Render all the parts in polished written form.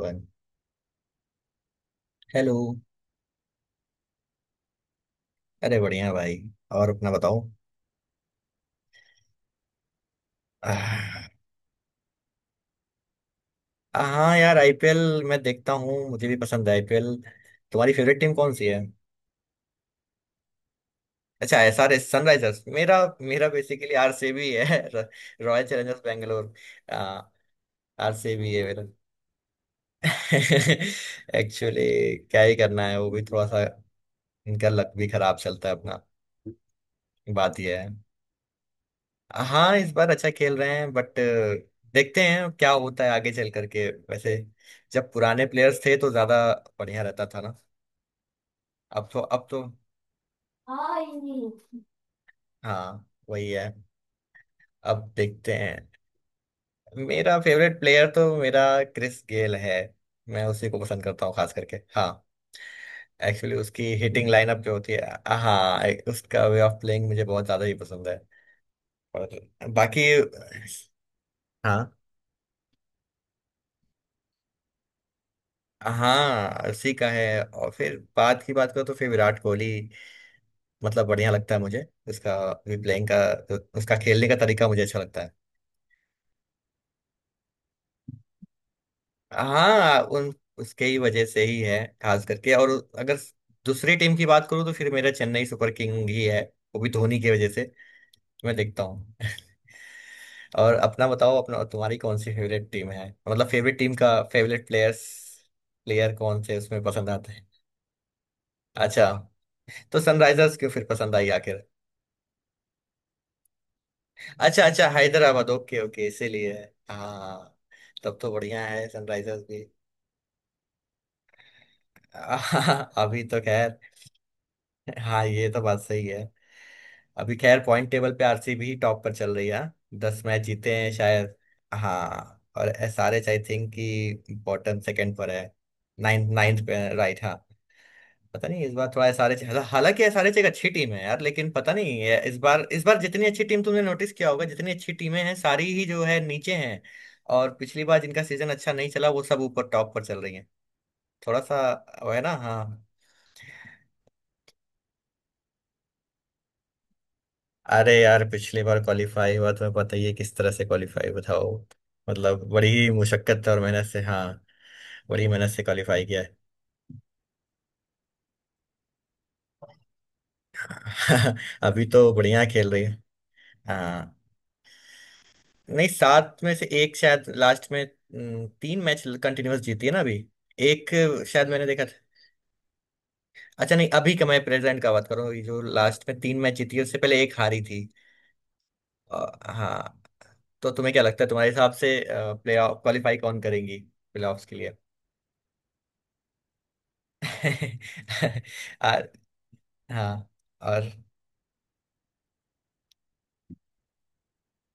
One. Hello. अरे बढ़िया भाई। और अपना बताओ। आह, हाँ यार आईपीएल मैं देखता हूँ, मुझे भी पसंद है आईपीएल। तुम्हारी फेवरेट टीम कौन सी है? अच्छा, एसआरएस सनराइजर्स। मेरा मेरा बेसिकली आरसीबी है रॉयल चैलेंजर्स बैंगलोर। आरसीबी है मेरा। एक्चुअली क्या ही करना है, वो भी थोड़ा सा इनका लक भी खराब चलता है अपना। बात यह है, हाँ इस बार अच्छा खेल रहे हैं बट देखते हैं अब क्या होता है आगे चल करके। वैसे जब पुराने प्लेयर्स थे तो ज्यादा बढ़िया रहता था ना। अब तो हाँ, हाँ वही है, अब देखते हैं। मेरा फेवरेट प्लेयर तो मेरा क्रिस गेल है। मैं उसी को पसंद करता हूँ खास करके, हाँ। एक्चुअली उसकी हिटिंग लाइनअप जो होती है, हाँ, उसका वे ऑफ प्लेइंग मुझे बहुत ज्यादा ही पसंद है। और बाकी, हाँ, हाँ उसी का है। और फिर बात करो तो फिर विराट कोहली, मतलब बढ़िया लगता है मुझे। उसका प्लेइंग का, उसका खेलने का तरीका मुझे अच्छा लगता है। हाँ उन उसके ही वजह से ही है खास करके। और अगर दूसरी टीम की बात करूँ तो फिर मेरा चेन्नई सुपर किंग ही है, वो भी धोनी की वजह से, मैं देखता हूँ और अपना बताओ, अपना तुम्हारी कौन सी फेवरेट टीम है, मतलब फेवरेट टीम का फेवरेट प्लेयर्स प्लेयर कौन से उसमें पसंद आते हैं? अच्छा, तो सनराइजर्स क्यों फिर पसंद आई आखिर? अच्छा अच्छा, हैदराबाद, ओके ओके, इसीलिए। हाँ, तब तो बढ़िया है सनराइजर्स भी। हाँ, अभी तो खैर। हाँ ये तो बात सही है। अभी खैर पॉइंट टेबल पे आरसीबी ही टॉप पर चल रही है, 10 मैच जीते हैं शायद। हाँ, और एसआरएच आई थिंक कि बॉटम सेकंड पर है। नाइन्थ नाइन्थ पे, राइट, हाँ। पता नहीं इस बार थोड़ा एसआरएच, हालांकि एसआरएच एक अच्छी टीम है यार, लेकिन पता नहीं ये इस बार जितनी अच्छी टीम, तुमने नोटिस किया होगा, जितनी अच्छी टीमें हैं सारी ही जो है नीचे हैं। और पिछली बार जिनका सीजन अच्छा नहीं चला वो सब ऊपर टॉप पर चल रही हैं थोड़ा सा। वो है ना, हाँ। अरे यार पिछली बार क्वालिफाई हुआ, तुम्हें पता ही है किस तरह से क्वालिफाई, बताओ, मतलब बड़ी मुशक्कत और मेहनत से, हाँ, बड़ी मेहनत से क्वालिफाई किया है। अभी तो बढ़िया खेल रही है। हाँ, नहीं, सात में से एक शायद लास्ट में। तीन मैच कंटिन्यूअस जीती है ना अभी। एक शायद मैंने देखा था। अच्छा, नहीं, अभी का मैं प्रेजेंट का बात करूँ जो लास्ट में तीन मैच जीती है, उससे पहले एक हारी थी। अ, हाँ। तो तुम्हें क्या लगता है, तुम्हारे हिसाब से प्ले ऑफ क्वालिफाई कौन करेंगी, प्ले ऑफ्स के लिए? और, हाँ, और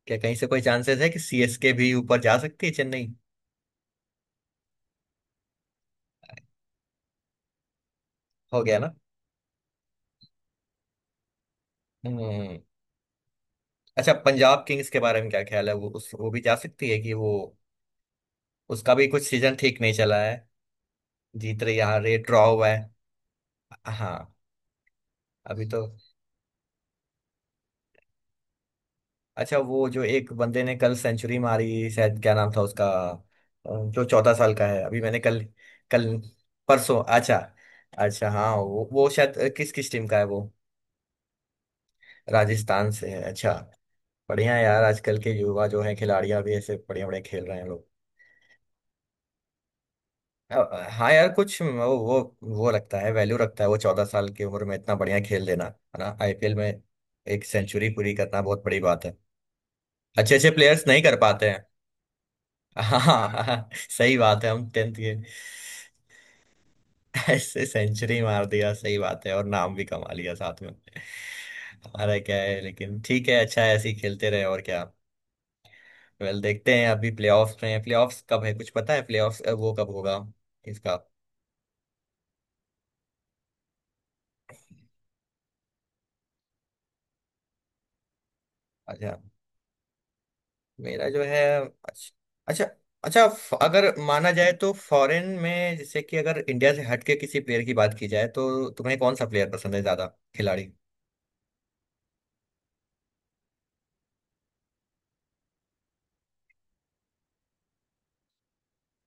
क्या कहीं से कोई चांसेस है कि सीएसके भी ऊपर जा सकती है, चेन्नई? हो गया ना। हम्म। अच्छा, पंजाब किंग्स के बारे में क्या ख्याल है, वो उस वो भी जा सकती है कि वो, उसका भी कुछ सीजन ठीक नहीं चला है, जीत रही, हार रही, ड्रॉ हुआ है। हाँ, अभी तो, अच्छा, वो जो एक बंदे ने कल सेंचुरी मारी शायद, क्या नाम था उसका? अ, जो 14 साल का है, अभी मैंने कल, कल परसों, अच्छा, अच्छा, हाँ वो, शायद किस किस टीम का है वो? राजस्थान से है, अच्छा। बढ़िया है यार आजकल के युवा जो है खिलाड़ियां भी ऐसे बढ़िया बढ़िया खेल रहे हैं लोग। हाँ यार कुछ वो, वो लगता है वैल्यू रखता है वो, 14 साल की उम्र में इतना बढ़िया खेल देना है ना आईपीएल में। एक सेंचुरी पूरी करना बहुत बड़ी बात है, अच्छे अच्छे प्लेयर्स नहीं कर पाते हैं। हाँ सही बात है, हम टेंथ के। ऐसे सेंचुरी मार दिया, सही बात है, और नाम भी कमा लिया साथ में। हमारा क्या है, लेकिन ठीक है, अच्छा है ऐसे ही खेलते रहे, और क्या। वेल, देखते हैं। अभी प्लेऑफ्स में, प्लेऑफ्स कब है कुछ पता है, प्लेऑफ्स वो कब होगा इसका? अच्छा। मेरा जो है, अच्छा, अच्छा, अच्छा अगर माना जाए तो फॉरेन में, जैसे कि अगर इंडिया से हटके किसी प्लेयर की बात की जाए तो तुम्हें कौन सा प्लेयर पसंद है ज्यादा खिलाड़ी?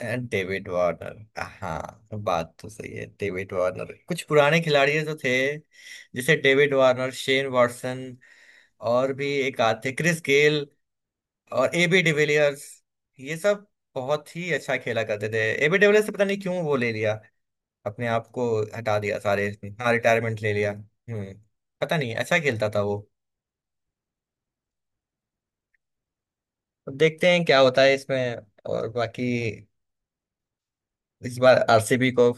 डेविड वार्नर, हाँ बात तो सही है, डेविड वार्नर कुछ पुराने खिलाड़ी जो थे, जैसे डेविड वार्नर, शेन वाटसन, और भी एक आध थे, क्रिस गेल और एबी डिविलियर्स, ये सब बहुत ही अच्छा खेला करते थे। एबी डिविलियर्स से पता नहीं क्यों वो ले लिया, अपने आप को हटा दिया सारे इसमें, हाँ रिटायरमेंट ले लिया। हम्म, पता नहीं, अच्छा खेलता था वो। अब देखते हैं क्या होता है इसमें। और बाकी, इस बार आरसीबी को,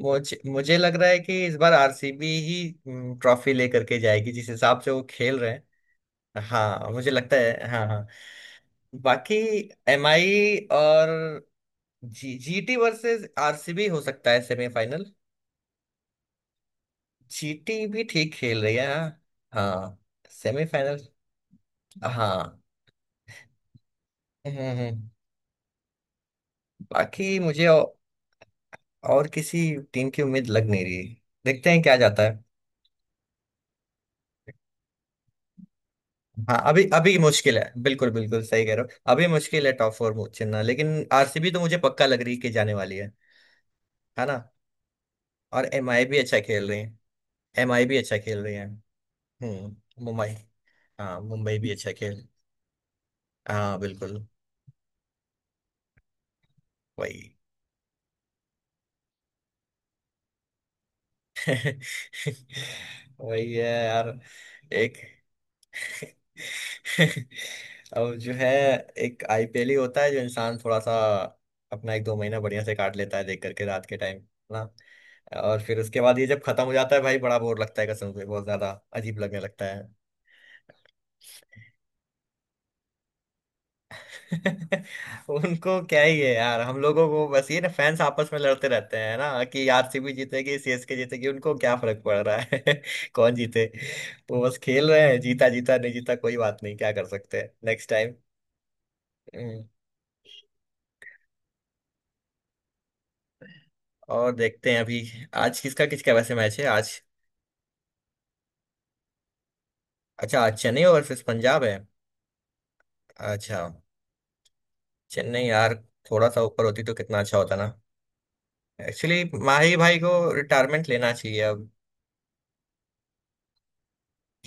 मुझे मुझे लग रहा है कि इस बार आरसीबी ही, ट्रॉफी लेकर के जाएगी जिस हिसाब से वो खेल रहे हैं। हाँ मुझे लगता है, हाँ, हाँ। बाकी एम आई, और जी जीटी वर्सेस आरसीबी हो सकता है सेमीफाइनल। जीटी भी ठीक खेल रही है। हाँ, सेमीफाइनल, हाँ। हैं हैं। बाकी मुझे और किसी टीम की उम्मीद लग नहीं रही, देखते हैं क्या जाता है। हाँ अभी अभी मुश्किल है, बिल्कुल बिल्कुल सही कह रहे हो, अभी मुश्किल है टॉप फोर चुनना, लेकिन आरसीबी तो मुझे पक्का लग रही है कि जाने वाली है ना। और एमआई भी अच्छा खेल रही है, एमआई भी अच्छा खेल रही है हम्म, मुंबई, हाँ मुंबई भी अच्छा खेल। हाँ बिल्कुल, वही। वही है यार, एक और जो है, एक आईपीएल ही होता है जो इंसान थोड़ा सा अपना एक दो महीना बढ़िया से काट लेता है देख करके रात के टाइम ना, और फिर उसके बाद ये जब खत्म हो जाता है भाई बड़ा बोर लगता है कसम से बहुत ज्यादा, अजीब लगने लगता है। उनको क्या ही है यार, हम लोगों को बस ये ना, फैंस आपस में लड़ते रहते हैं ना कि आरसीबी जीतेगी, सीएसके जीतेगी, उनको क्या फर्क पड़ रहा है। कौन जीते, वो बस खेल रहे हैं, जीता जीता, नहीं जीता कोई बात नहीं, क्या कर सकते हैं नेक्स्ट टाइम। और देखते हैं, अभी आज किसका किसका वैसे मैच है आज? अच्छा, आज चेन्नई वर्सेस पंजाब है। अच्छा, चेन्नई यार थोड़ा सा ऊपर होती तो कितना अच्छा होता ना। एक्चुअली माही भाई को रिटायरमेंट लेना चाहिए अब।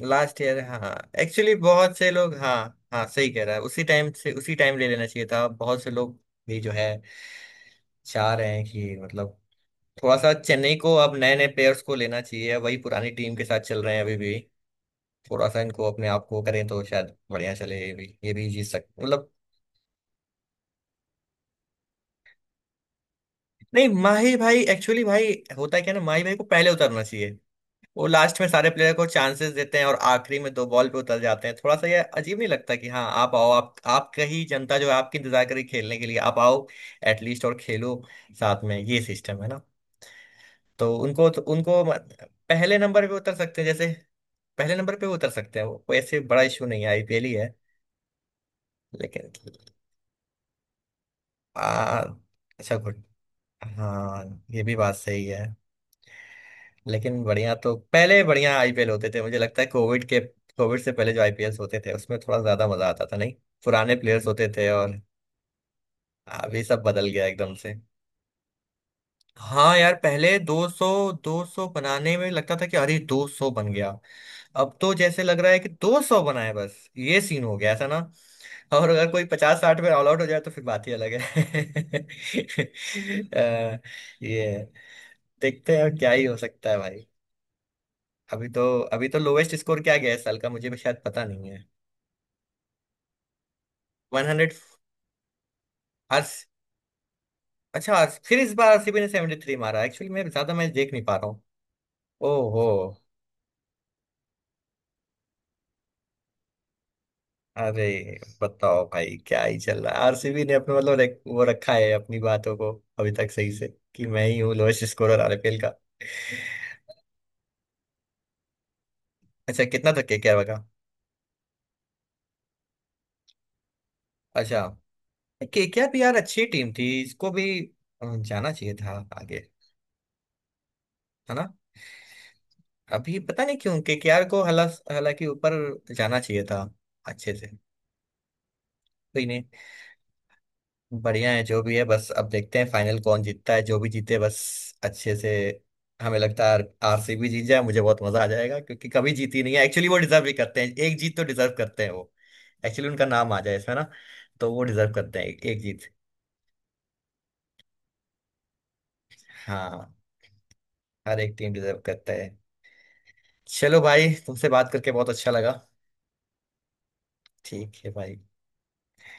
लास्ट ईयर, हाँ, एक्चुअली बहुत से लोग, हाँ, हाँ सही कह रहा है, उसी टाइम से, उसी टाइम ले लेना चाहिए था। बहुत से लोग भी जो है चाह रहे हैं कि मतलब थोड़ा सा चेन्नई को अब नए नए प्लेयर्स को लेना चाहिए, वही पुरानी टीम के साथ चल रहे हैं अभी भी। थोड़ा सा इनको अपने आप को करें तो शायद बढ़िया चले, ये भी जीत सकते मतलब। नहीं माही भाई, एक्चुअली भाई, होता है क्या ना, माही भाई को पहले उतरना चाहिए। वो लास्ट में सारे प्लेयर को चांसेस देते हैं और आखिरी में दो बॉल पे उतर जाते हैं, थोड़ा सा ये अजीब नहीं लगता कि हाँ आप आओ, आप आपका ही जनता जो है आपकी इंतजार करी खेलने के लिए, आप आओ, एटलीस्ट और खेलो साथ में। ये सिस्टम है ना तो उनको पहले नंबर पे उतर सकते हैं जैसे, पहले नंबर पे उतर सकते हैं, वो कोई ऐसे बड़ा इशू नहीं है आईपीएल ही है। लेकिन आ, अच्छा, गुड, हाँ ये भी बात सही है। लेकिन बढ़िया तो पहले बढ़िया आईपीएल होते थे, मुझे लगता है कोविड के, कोविड से पहले जो आईपीएल होते थे उसमें थोड़ा ज्यादा मजा आता था, नहीं? पुराने प्लेयर्स होते थे, और अभी सब बदल गया एकदम से। हाँ यार पहले 200 बनाने में लगता था कि अरे 200 बन गया, अब तो जैसे लग रहा है कि 200 बनाए बस, ये सीन हो गया ऐसा ना। और अगर कोई 50 60 में ऑल आउट हो जाए तो फिर बात ही अलग है। अ, ये देखते हैं अब क्या ही हो सकता है भाई। अभी तो अभी तो लोवेस्ट स्कोर क्या गया इस साल का, मुझे भी शायद पता नहीं है। One hundred. अर्स, अच्छा फिर इस बार आरसीबी ने 73 मारा। एक्चुअली मैं ज्यादा मैच देख नहीं पा रहा हूँ। ओहो, अरे बताओ भाई क्या ही चल रहा है, आरसीबी ने अपना मतलब वो रखा है अपनी बातों को अभी तक सही से कि मैं ही हूँ लोएस्ट स्कोरर आरपीएल का। अच्छा, कितना था केकेआर का? अच्छा, केकेआर भी यार अच्छी टीम थी, इसको भी जाना चाहिए था आगे, है ना। अभी पता नहीं क्यों केकेआर को हला हालांकि ऊपर जाना चाहिए था अच्छे से। कोई नहीं, बढ़िया है जो भी है, बस अब देखते हैं फाइनल कौन जीतता है, जो भी जीते बस अच्छे से। हमें लगता है आरसीबी जीत जाए मुझे बहुत मजा आ जाएगा, क्योंकि कभी जीती नहीं है एक्चुअली, वो डिजर्व भी करते हैं, एक जीत तो डिजर्व करते हैं वो, एक्चुअली उनका नाम आ जाए इसमें ना, तो वो डिजर्व करते हैं एक जीत। हाँ, हर एक टीम डिजर्व करता है। चलो भाई, तुमसे बात करके बहुत अच्छा लगा। ठीक है भाई।